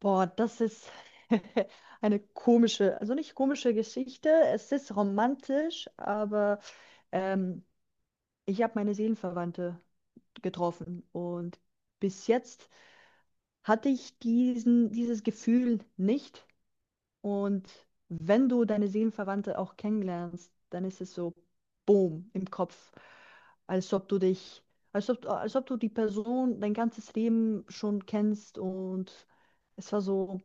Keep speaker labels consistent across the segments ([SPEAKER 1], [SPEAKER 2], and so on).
[SPEAKER 1] Boah, das ist eine komische, also nicht komische Geschichte. Es ist romantisch, aber ähm, ich habe meine Seelenverwandte getroffen und bis jetzt hatte dieses Gefühl nicht. Und wenn du deine Seelenverwandte auch kennenlernst, dann ist es so, boom, im Kopf, als ob du dich, als ob du die Person dein ganzes Leben schon kennst und es war so.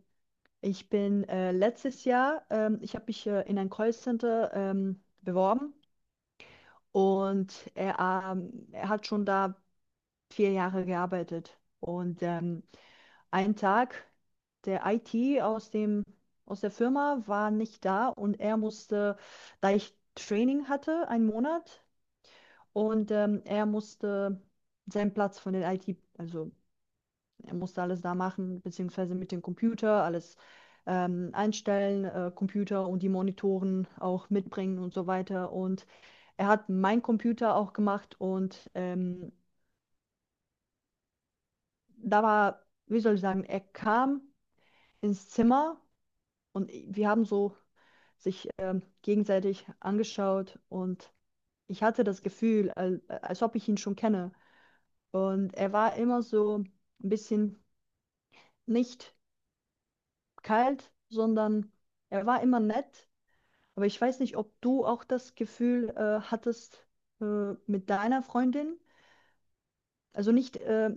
[SPEAKER 1] Ich bin letztes Jahr, ich habe mich in ein Callcenter beworben und er hat schon da 4 Jahre gearbeitet. Und ein Tag, der IT aus der Firma war nicht da und er musste, da ich Training hatte, 1 Monat, und er musste seinen Platz von den IT, also er musste alles da machen, beziehungsweise mit dem Computer alles einstellen, Computer und die Monitoren auch mitbringen und so weiter. Und er hat meinen Computer auch gemacht und da war, wie soll ich sagen, er kam ins Zimmer und wir haben so sich gegenseitig angeschaut und ich hatte das Gefühl, als ob ich ihn schon kenne. Und er war immer so ein bisschen nicht kalt, sondern er war immer nett. Aber ich weiß nicht, ob du auch das Gefühl hattest mit deiner Freundin, also nicht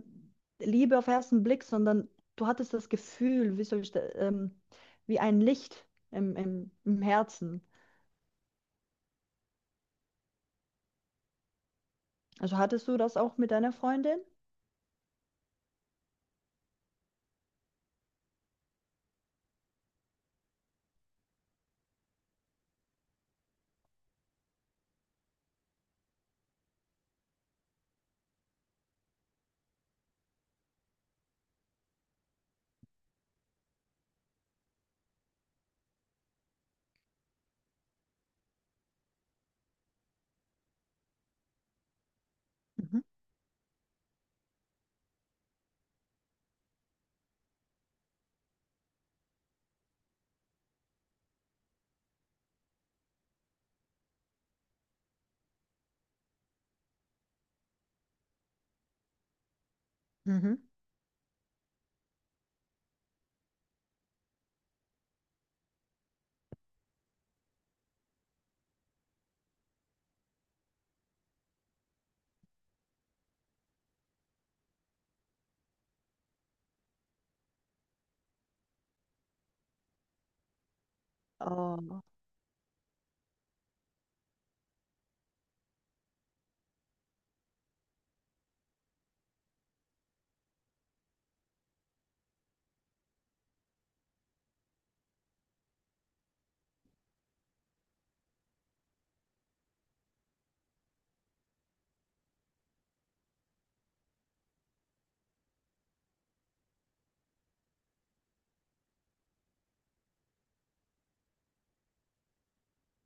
[SPEAKER 1] Liebe auf ersten Blick, sondern du hattest das Gefühl, wie soll ich da, wie ein Licht im Herzen. Also hattest du das auch mit deiner Freundin? Mhm. Mhm. Oh,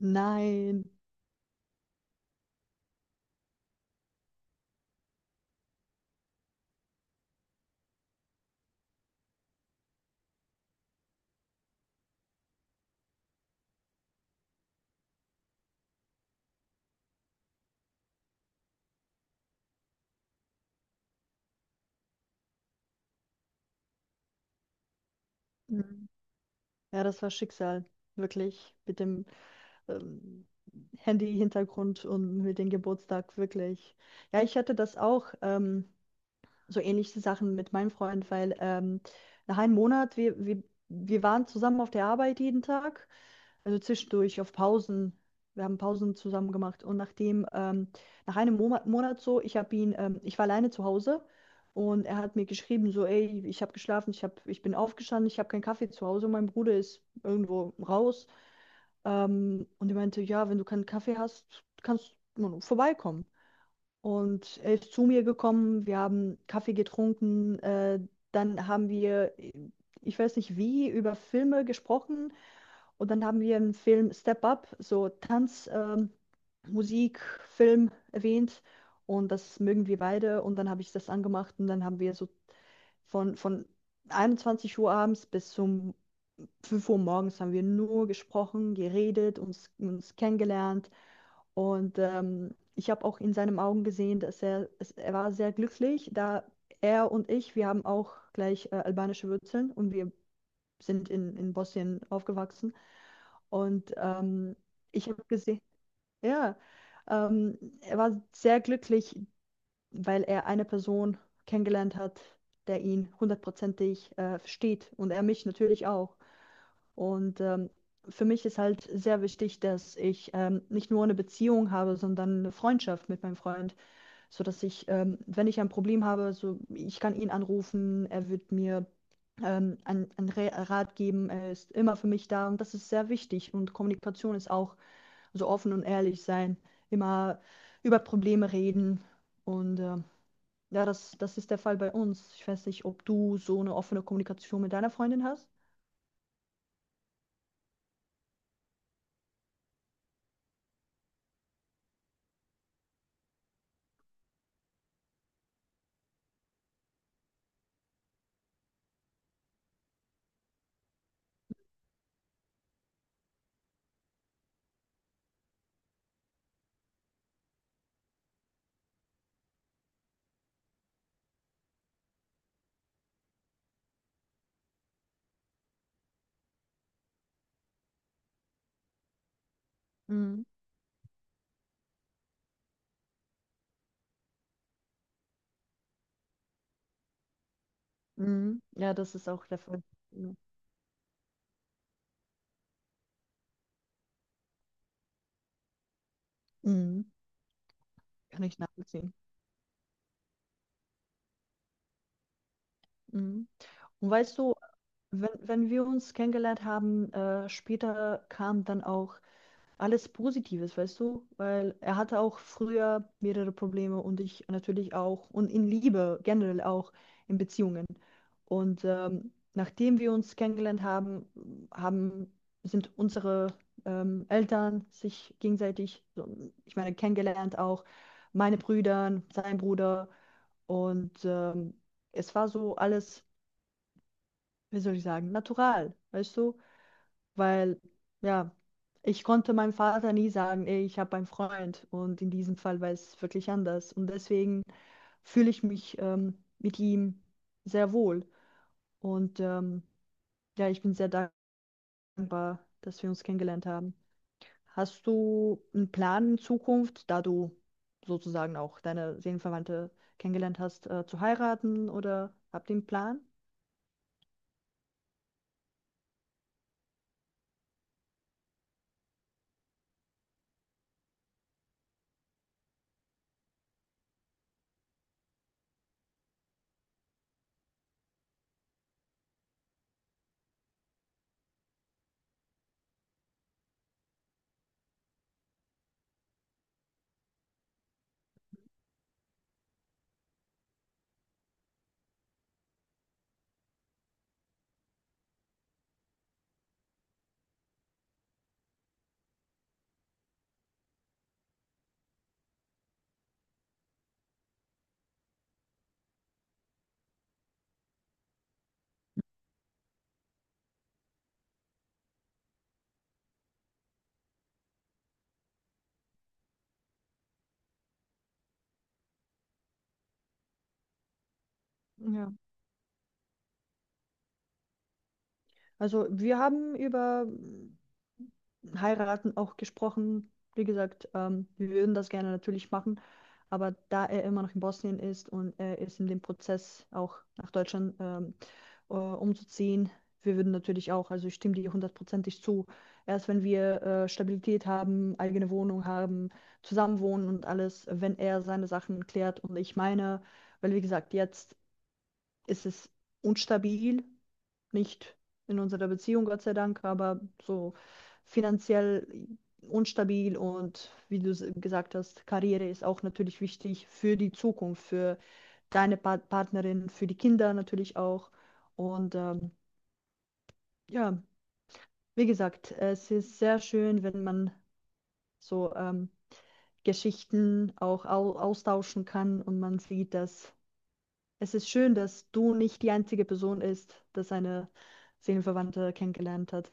[SPEAKER 1] nein. Mhm. Ja, das war Schicksal, wirklich, mit dem ähm, Handy-Hintergrund und mit dem Geburtstag, wirklich. Ja, ich hatte das auch. So ähnliche Sachen mit meinem Freund, weil nach 1 Monat, wir waren zusammen auf der Arbeit jeden Tag, also zwischendurch auf Pausen. Wir haben Pausen zusammen gemacht und nach einem Mo Monat so, ich war alleine zu Hause und er hat mir geschrieben, so, ey, ich habe geschlafen, ich bin aufgestanden, ich habe keinen Kaffee zu Hause, mein Bruder ist irgendwo raus. Und er meinte, ja, wenn du keinen Kaffee hast, kannst du vorbeikommen. Und er ist zu mir gekommen, wir haben Kaffee getrunken, dann haben wir, ich weiß nicht wie, über Filme gesprochen und dann haben wir im Film Step Up so Tanz, Musik, Film erwähnt und das mögen wir beide und dann habe ich das angemacht und dann haben wir so von 21 Uhr abends bis zum 5 Uhr morgens haben wir nur gesprochen, geredet, uns kennengelernt und ich habe auch in seinen Augen gesehen, dass er war sehr glücklich, da er und ich, wir haben auch gleich albanische Wurzeln und wir sind in Bosnien aufgewachsen. Und ich habe gesehen, ja, er war sehr glücklich, weil er eine Person kennengelernt hat, der ihn hundertprozentig versteht und er mich natürlich auch. Und für mich ist halt sehr wichtig, dass ich nicht nur eine Beziehung habe, sondern eine Freundschaft mit meinem Freund, so dass ich, wenn ich ein Problem habe, so ich kann ihn anrufen, er wird mir einen Rat geben, er ist immer für mich da und das ist sehr wichtig. Und Kommunikation ist auch so offen und ehrlich sein, immer über Probleme reden und ja, das ist der Fall bei uns. Ich weiß nicht, ob du so eine offene Kommunikation mit deiner Freundin hast. Mhm. Ja, das ist auch der Fall. Ja. Mhm. Kann ich nachvollziehen. Mhm. Und weißt du, wenn wir uns kennengelernt haben, später kam dann auch alles Positives, weißt du? Weil er hatte auch früher mehrere Probleme und ich natürlich auch und in Liebe generell auch in Beziehungen. Und nachdem wir uns kennengelernt haben, haben sind unsere Eltern sich gegenseitig, so, ich meine, kennengelernt auch, meine Brüder, sein Bruder und es war so alles, wie soll ich sagen, natural, weißt du? Weil ja, ich konnte meinem Vater nie sagen, ey, ich habe einen Freund und in diesem Fall war es wirklich anders und deswegen fühle ich mich mit ihm sehr wohl und ja, ich bin sehr dankbar, dass wir uns kennengelernt haben. Hast du einen Plan in Zukunft, da du sozusagen auch deine Seelenverwandte kennengelernt hast, zu heiraten oder habt ihr einen Plan? Ja. Also wir haben über Heiraten auch gesprochen. Wie gesagt, wir würden das gerne natürlich machen, aber da er immer noch in Bosnien ist und er ist in dem Prozess auch nach Deutschland umzuziehen, wir würden natürlich auch, also ich stimme dir hundertprozentig zu, erst wenn wir Stabilität haben, eigene Wohnung haben, zusammenwohnen und alles, wenn er seine Sachen klärt und ich meine, weil wie gesagt, jetzt ist es unstabil nicht in unserer Beziehung, Gott sei Dank, aber so finanziell unstabil und wie du gesagt hast, Karriere ist auch natürlich wichtig für die Zukunft, für deine Partnerin, für die Kinder natürlich auch. Und ja, wie gesagt, es ist sehr schön, wenn man so Geschichten auch au austauschen kann und man sieht, dass es ist schön, dass du nicht die einzige Person ist, dass eine Seelenverwandte kennengelernt hat.